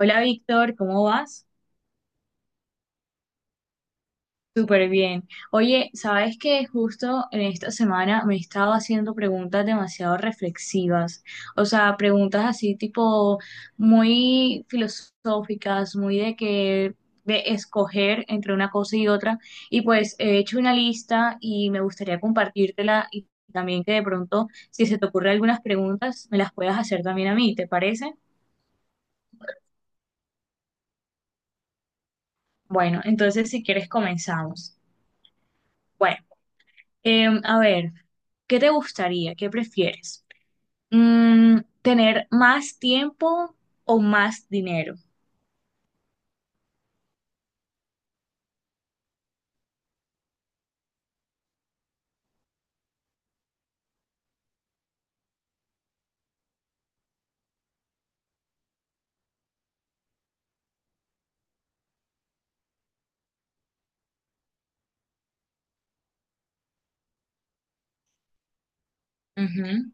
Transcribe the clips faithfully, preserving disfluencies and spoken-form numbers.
Hola Víctor, ¿cómo vas? Súper bien. Oye, sabes que justo en esta semana me he estado haciendo preguntas demasiado reflexivas, o sea, preguntas así tipo muy filosóficas, muy de que de escoger entre una cosa y otra. Y pues he hecho una lista y me gustaría compartírtela y también que de pronto, si se te ocurren algunas preguntas, me las puedas hacer también a mí, ¿te parece? Bueno, entonces si quieres comenzamos. Bueno. Em, a ver, ¿qué te gustaría? ¿Qué prefieres? Mm, ¿tener más tiempo o más dinero? Ujú,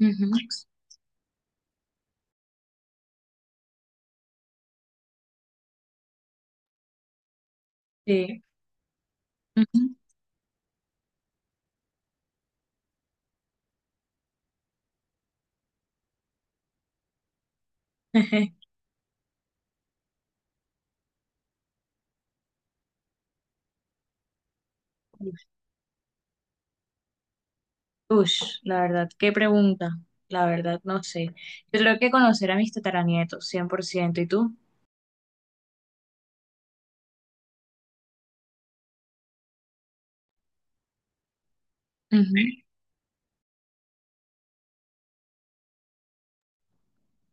ujú, sí. Ujú. Ush, la verdad, qué pregunta. La verdad, no sé. Yo creo que conocer a mis tataranietos, cien por ciento. ¿Y tú? Ujú.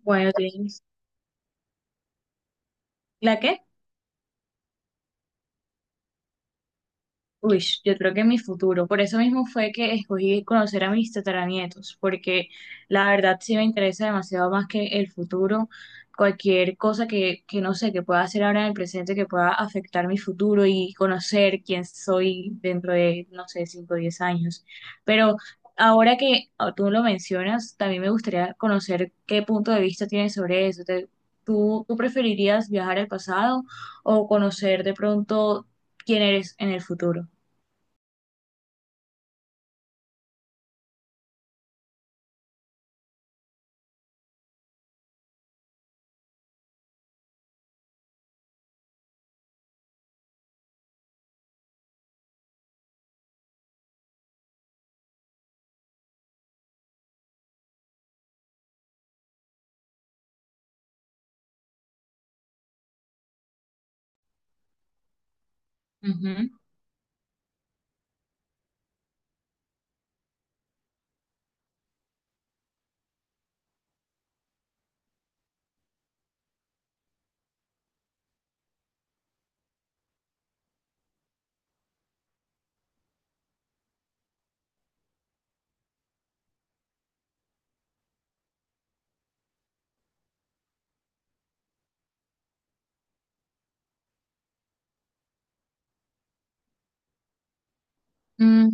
Bueno, tienes. ¿La qué? Uy, yo creo que mi futuro. Por eso mismo fue que escogí conocer a mis tataranietos, porque la verdad sí me interesa demasiado más que el futuro. Cualquier cosa que, que no sé, que pueda hacer ahora en el presente, que pueda afectar mi futuro y conocer quién soy dentro de, no sé, cinco o diez años. Pero ahora que ah, tú lo mencionas, también me gustaría conocer qué punto de vista tienes sobre eso. Te- ¿Tú, tú preferirías viajar al pasado o conocer de pronto quién eres en el futuro? Ujú. Mm,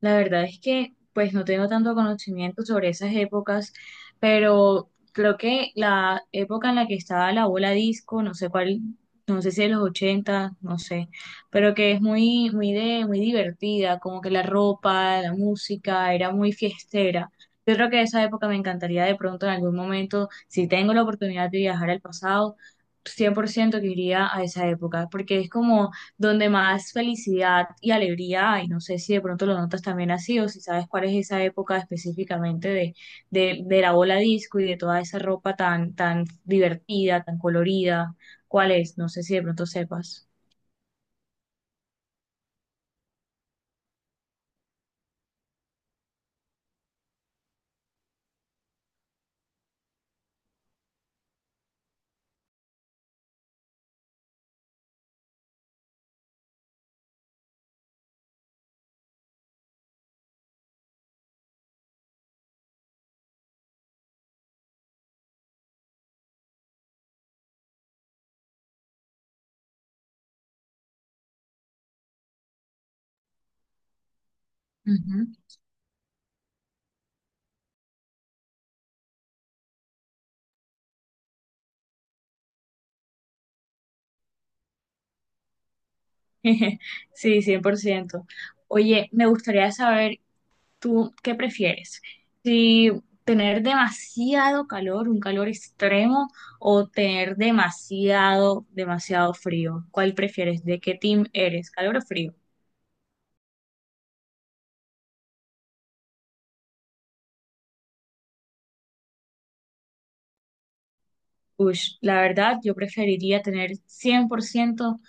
la verdad es que pues no tengo tanto conocimiento sobre esas épocas, pero creo que la época en la que estaba la bola disco, no sé cuál, no sé si de los ochenta, no sé, pero que es muy, muy de, muy divertida, como que la ropa, la música, era muy fiestera. Yo creo que esa época me encantaría de pronto en algún momento. Si tengo la oportunidad de viajar al pasado, cien por ciento que iría a esa época, porque es como donde más felicidad y alegría hay. No sé si de pronto lo notas también así o si sabes cuál es esa época específicamente de, de, de la bola disco y de toda esa ropa tan, tan divertida, tan colorida. ¿Cuál es? No sé si de pronto sepas. Ujú. Sí, cien por ciento. Oye, me gustaría saber, ¿tú qué prefieres? ¿Si tener demasiado calor, un calor extremo, o tener demasiado, demasiado frío? ¿Cuál prefieres? ¿De qué team eres? ¿Calor o frío? Ush, la verdad, yo preferiría tener cien por ciento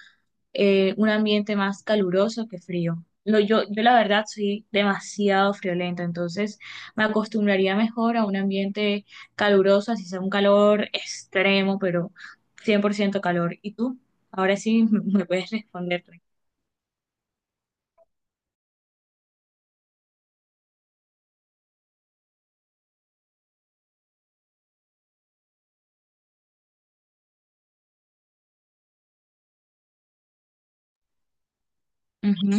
eh, un ambiente más caluroso que frío. Lo, yo, yo la verdad soy demasiado friolenta, entonces me acostumbraría mejor a un ambiente caluroso, así sea un calor extremo, pero cien por ciento calor. ¿Y tú? Ahora sí me puedes responder. Ujú,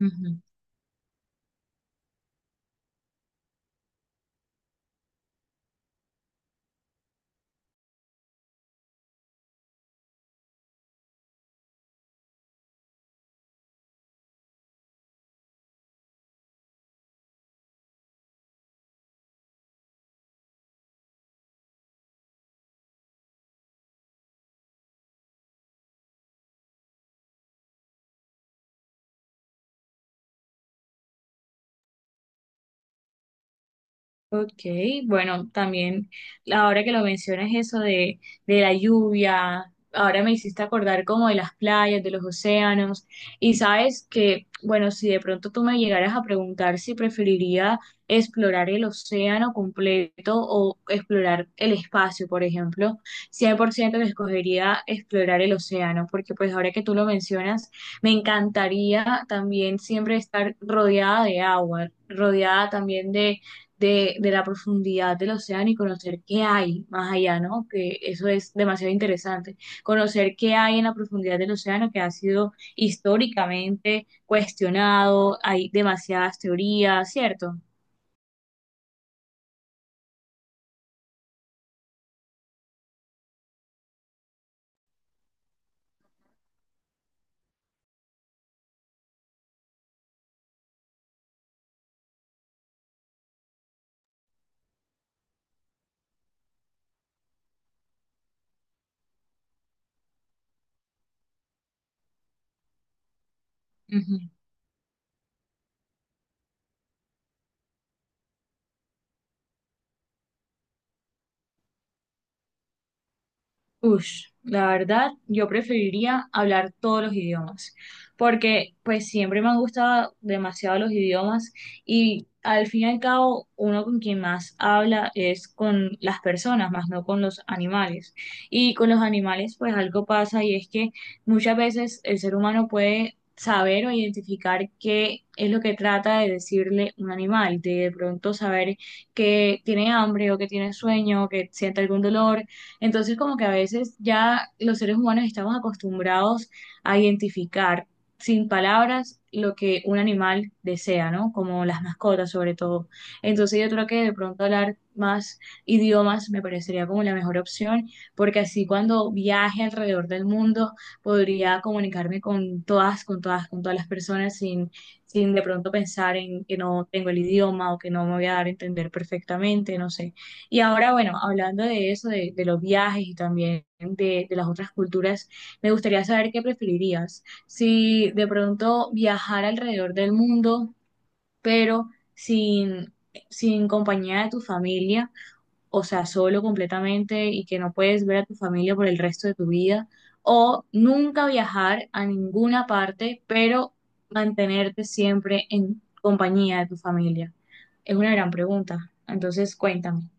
ujú. Ok, bueno, también ahora que lo mencionas eso de, de, la lluvia, ahora me hiciste acordar como de las playas, de los océanos, y sabes que, bueno, si de pronto tú me llegaras a preguntar si preferiría explorar el océano completo o explorar el espacio, por ejemplo, cien por ciento que escogería explorar el océano, porque pues ahora que tú lo mencionas, me encantaría también siempre estar rodeada de agua, rodeada también de de, de la profundidad del océano y conocer qué hay más allá, ¿no? Que eso es demasiado interesante. Conocer qué hay en la profundidad del océano, que ha sido históricamente cuestionado, hay demasiadas teorías, ¿cierto? Ujú. Ush, la verdad, yo preferiría hablar todos los idiomas, porque pues siempre me han gustado demasiado los idiomas y al fin y al cabo uno con quien más habla es con las personas, más no con los animales. Y con los animales pues algo pasa, y es que muchas veces el ser humano puede saber o identificar qué es lo que trata de decirle un animal, de de pronto saber que tiene hambre o que tiene sueño o que siente algún dolor. Entonces, como que a veces ya los seres humanos estamos acostumbrados a identificar sin palabras lo que un animal desea, ¿no? Como las mascotas sobre todo. Entonces, yo creo que de pronto hablar más idiomas me parecería como la mejor opción, porque así cuando viaje alrededor del mundo podría comunicarme con todas, con todas, con todas las personas, sin sin de pronto pensar en que no tengo el idioma o que no me voy a dar a entender perfectamente, no sé. Y ahora, bueno, hablando de eso, de, de los viajes y también de, de las otras culturas, me gustaría saber qué preferirías. Si de pronto viajar alrededor del mundo, pero sin, sin compañía de tu familia, o sea, solo completamente y que no puedes ver a tu familia por el resto de tu vida, o nunca viajar a ninguna parte, pero mantenerte siempre en compañía de tu familia. Es una gran pregunta. Entonces, cuéntame.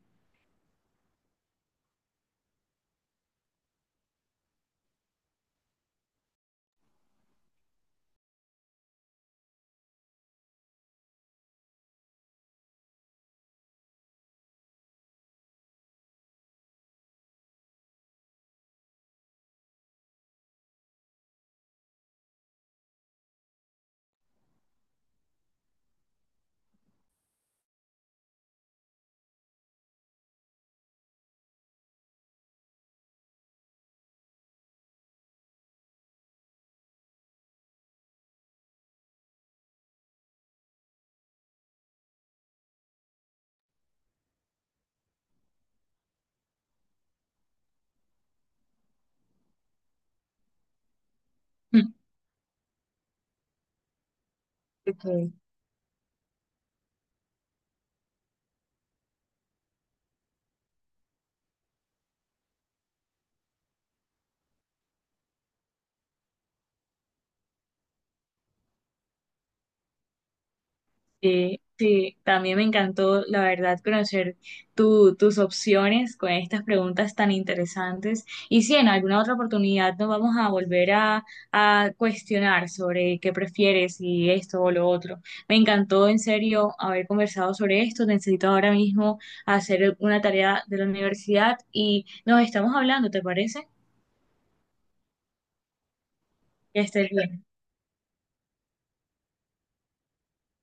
Ok. Sí, sí, también me encantó, la verdad, conocer tu- tus opciones con estas preguntas tan interesantes. Y si en alguna otra oportunidad nos vamos a volver a, a, cuestionar sobre qué prefieres y esto o lo otro. Me encantó en serio haber conversado sobre esto. Necesito ahora mismo hacer una tarea de la universidad y nos estamos hablando, ¿te parece? Que estés bien.